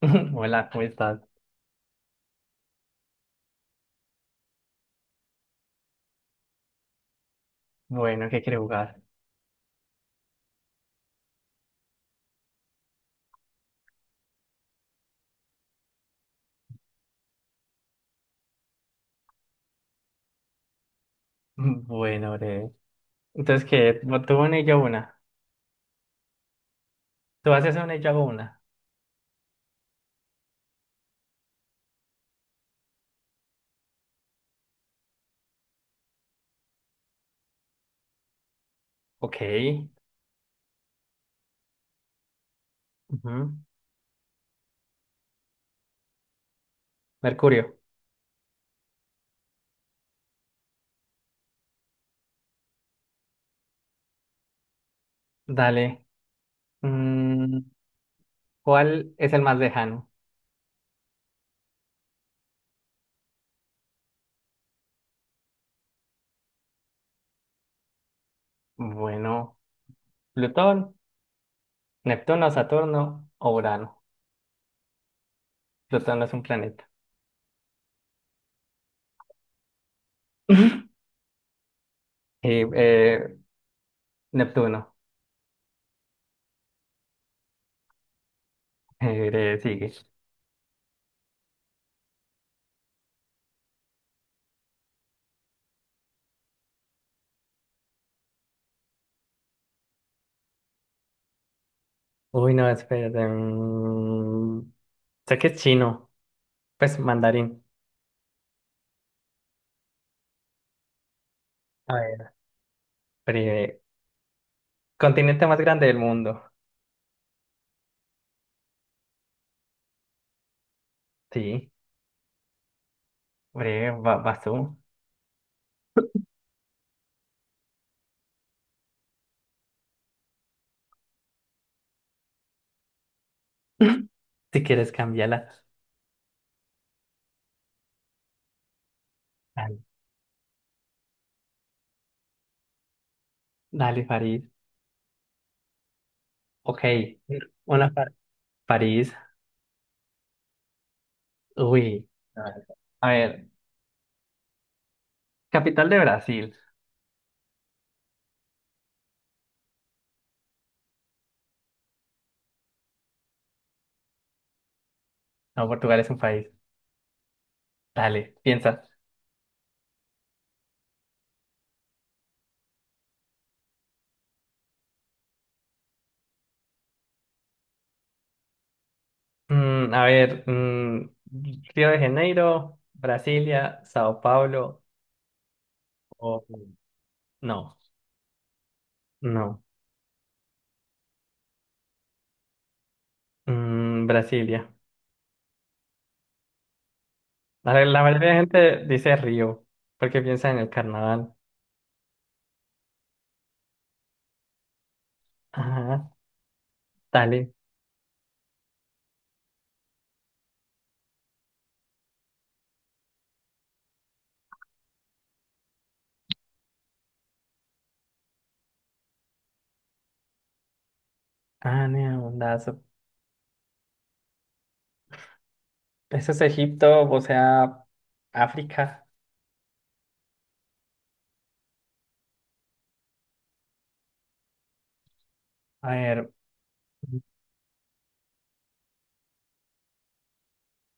Hola, ¿cómo estás? Bueno, ¿qué quiere jugar? Bueno, breve. Entonces, ¿qué? Tú una y yo una. Tú haces una y yo hago una. Ok. Ujú. Mercurio, dale. Mm, ¿cuál es el más lejano? Bueno, Plutón, Neptuno, Saturno o Urano. Plutón no es un planeta. Y, eh, Neptuno. Breve, sigue. Uy, no, espérate. Sé que es chino. Pues mandarín. A ver, breve. Continente más grande del mundo. Sí. Breve, vas tú. Si quieres cambiarla. Dale, dale, París. Ok, una par- París. Uy, a ver, capital de Brasil. No, Portugal es un país. Dale, piensa. Mm, a ver, mm, Río de Janeiro, Brasilia, Sao Paulo o... No, no. Mm, Brasilia. A ver, la mayoría de gente dice Río porque piensa en el carnaval. Ajá, dale. Ah, neondazo. Eso es Egipto, o sea, África. A ver,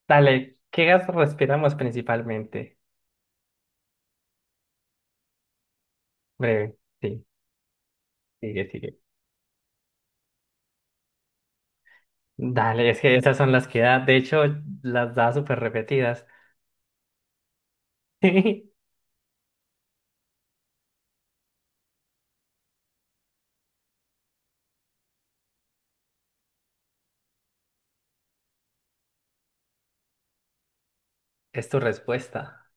dale, ¿qué gas respiramos principalmente? Breve, sí, sigue. Dale, es que esas son las que da, de hecho, las da súper repetidas. Es tu respuesta.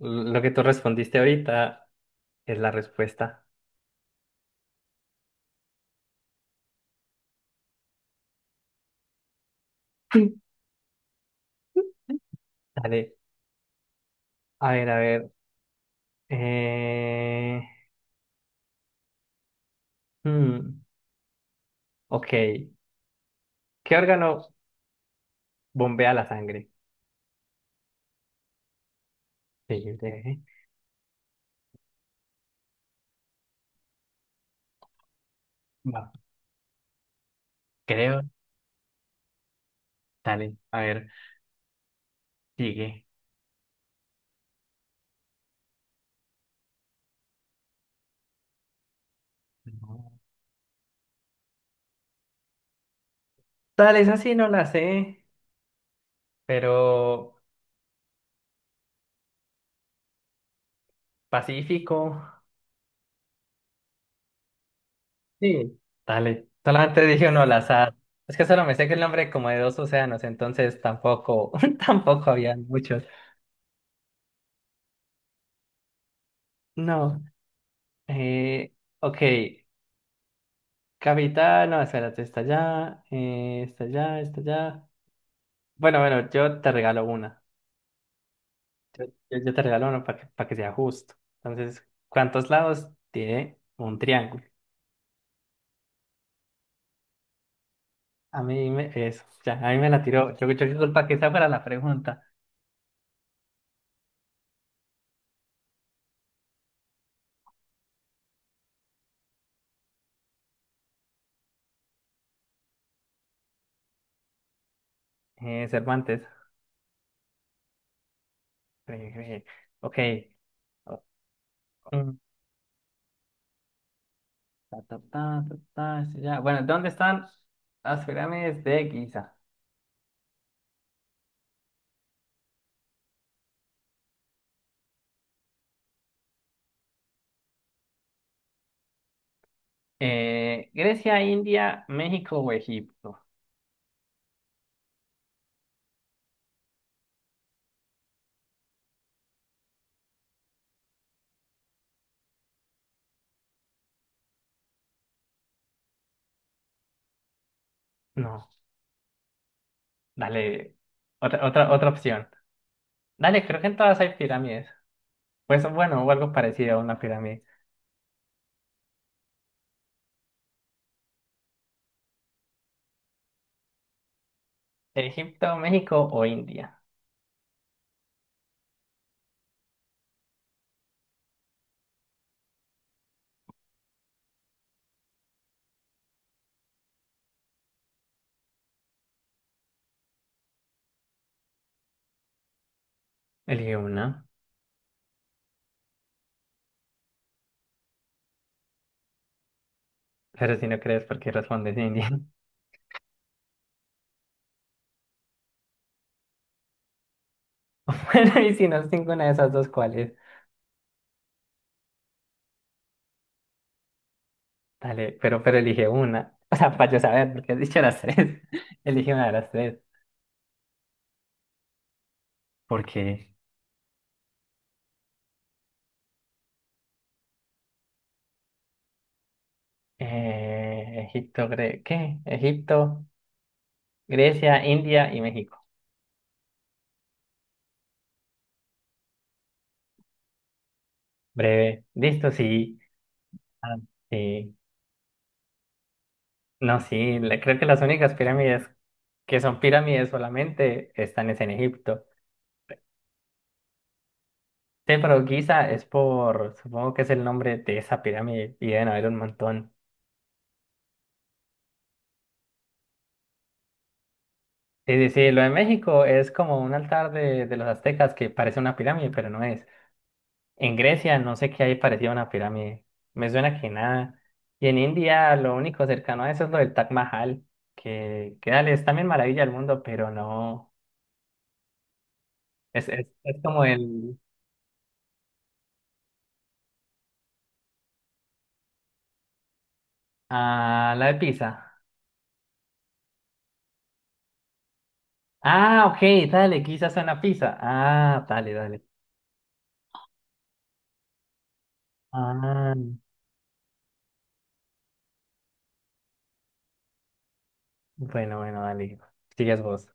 Lo que tú respondiste ahorita es la respuesta. Sí. Dale, a ver. Eh... hmm, ok, ¿qué órgano bombea la sangre? Sí, breve. Va. Creo dale, a ver, sigue. No. Dale, esa sí no la sé, pero Pacífico, sí. Dale, solamente dije uno al azar. Es que solo me sé que el nombre como de dos océanos, entonces tampoco, tampoco había muchos. No, eh, ok, capital, no, espérate, está allá, está allá, está allá. Bueno, bueno, yo te regalo una. Yo, yo te regalo una para que sea justo. Entonces, ¿cuántos lados tiene un triángulo? A mí me, eso, ya, a mí me la tiró. Yo disculpa que esa fuera la pregunta. Cervantes. Eh, eh, ok. O- mm, Ta, ta, ta, ta, ta, sí, ya. Bueno, ¿dónde están las pirámides de Giza? Grecia, India, México o Egipto. No, dale. Otra opción. Dale, creo que en todas hay pirámides. Pues bueno, o algo parecido a una pirámide. Egipto, México o India. Elige una. Pero si no crees, ¿por qué respondes India? Bueno, y si no es ninguna de esas dos, ¿cuáles? Dale, pero elige una. O sea, para yo saber, porque has dicho las tres. Elige una de las tres. Porque Egipto, Gre- ¿qué? Egipto, Grecia, India y México. Breve. Listo, sí. Ah, sí. No, sí, la- Creo que las únicas pirámides que son pirámides solamente están es en Egipto. Sí, pero Giza es por, supongo que es el nombre de esa pirámide y deben haber un montón. Sí, sí, sí, lo de México es como un altar de los aztecas que parece una pirámide, pero no es. En Grecia no sé qué hay parecido a una pirámide, me suena que nada. Y en India lo único cercano a eso es lo del Taj Mahal, que dale, es también maravilla del mundo, pero no, es como el... Ah, la de Pisa. Ah, ok, dale, quizás suena Pisa. Ah, dale, dale. Ah, bueno, bueno, dale, sigues vos,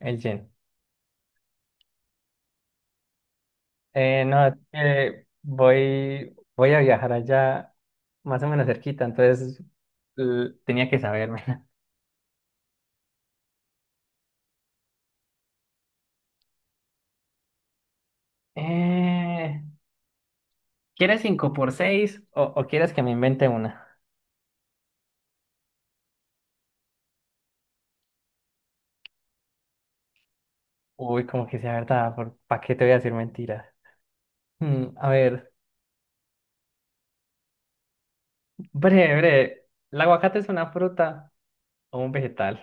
el Jen. No, es que voy a viajar allá más o menos cerquita, entonces tenía que saberme. Eh, ¿Quieres cinco por 6 o quieres que me invente una? Uy, como que sea verdad, ¿para qué te voy a decir mentiras? Mm, a ver, breve. ¿El aguacate es una fruta o un vegetal?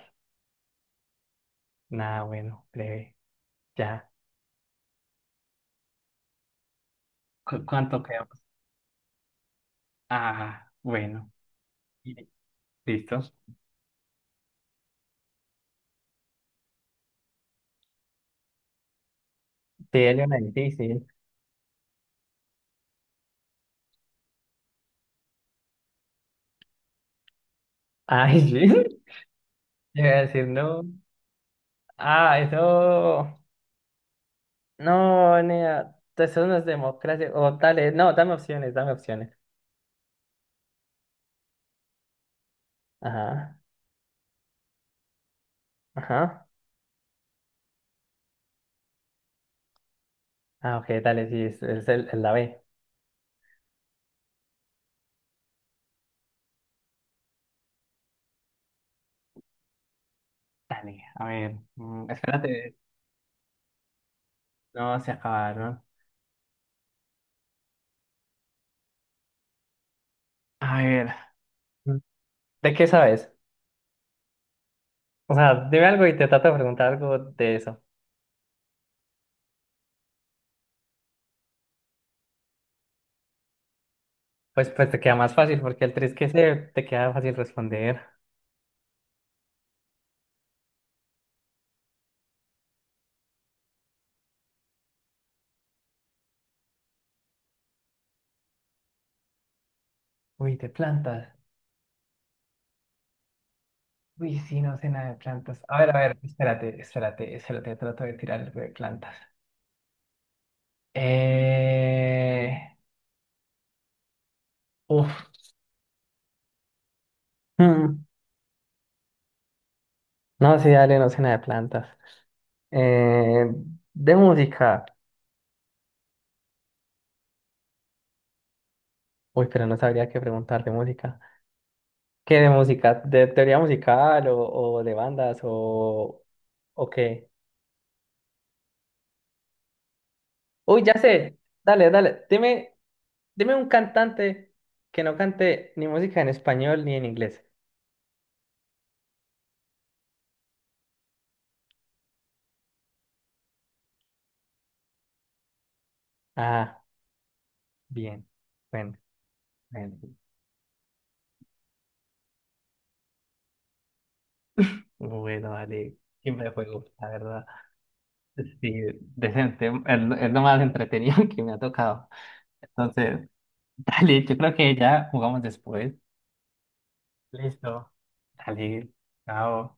Nada, bueno, breve, ya. ¿Cuánto quedamos? Ah, bueno. Y- Listo. Sí, era una difícil. Ay, sí. Yo iba a decir no. Ah, eso. No, nea. Eso no es democracia. O dale, no, dame opciones. Ajá, ajá. Ah, ok, dale, sí, es la B. Dale, a ver, mm, espérate, no, se acabaron. A ver. Mm. ¿De qué sabes? O sea, dime algo y te trato de preguntar algo de eso. Pues te queda más fácil porque el 3 que sé te queda fácil responder. Uy, de plantas, uy, sí, no sé nada de plantas, a ver, espérate, trato de tirar algo de plantas. Eh, Uf. hmm, No, sí, dale, no sé nada de plantas. Eh, de música. Uy, pero no sabría qué preguntar de música. ¿Qué de música? ¿De teoría musical o de bandas o qué? Uy, ya sé. Dale, dale. Dime un cantante que no cante ni música en español ni en inglés. Ah, bien. Bueno, bueno. Bueno, dale. Siempre juego, la verdad. Sí, decente. Es lo más entretenido que me ha tocado. Entonces, dale, yo creo que ya jugamos después. Listo. Dale, chao.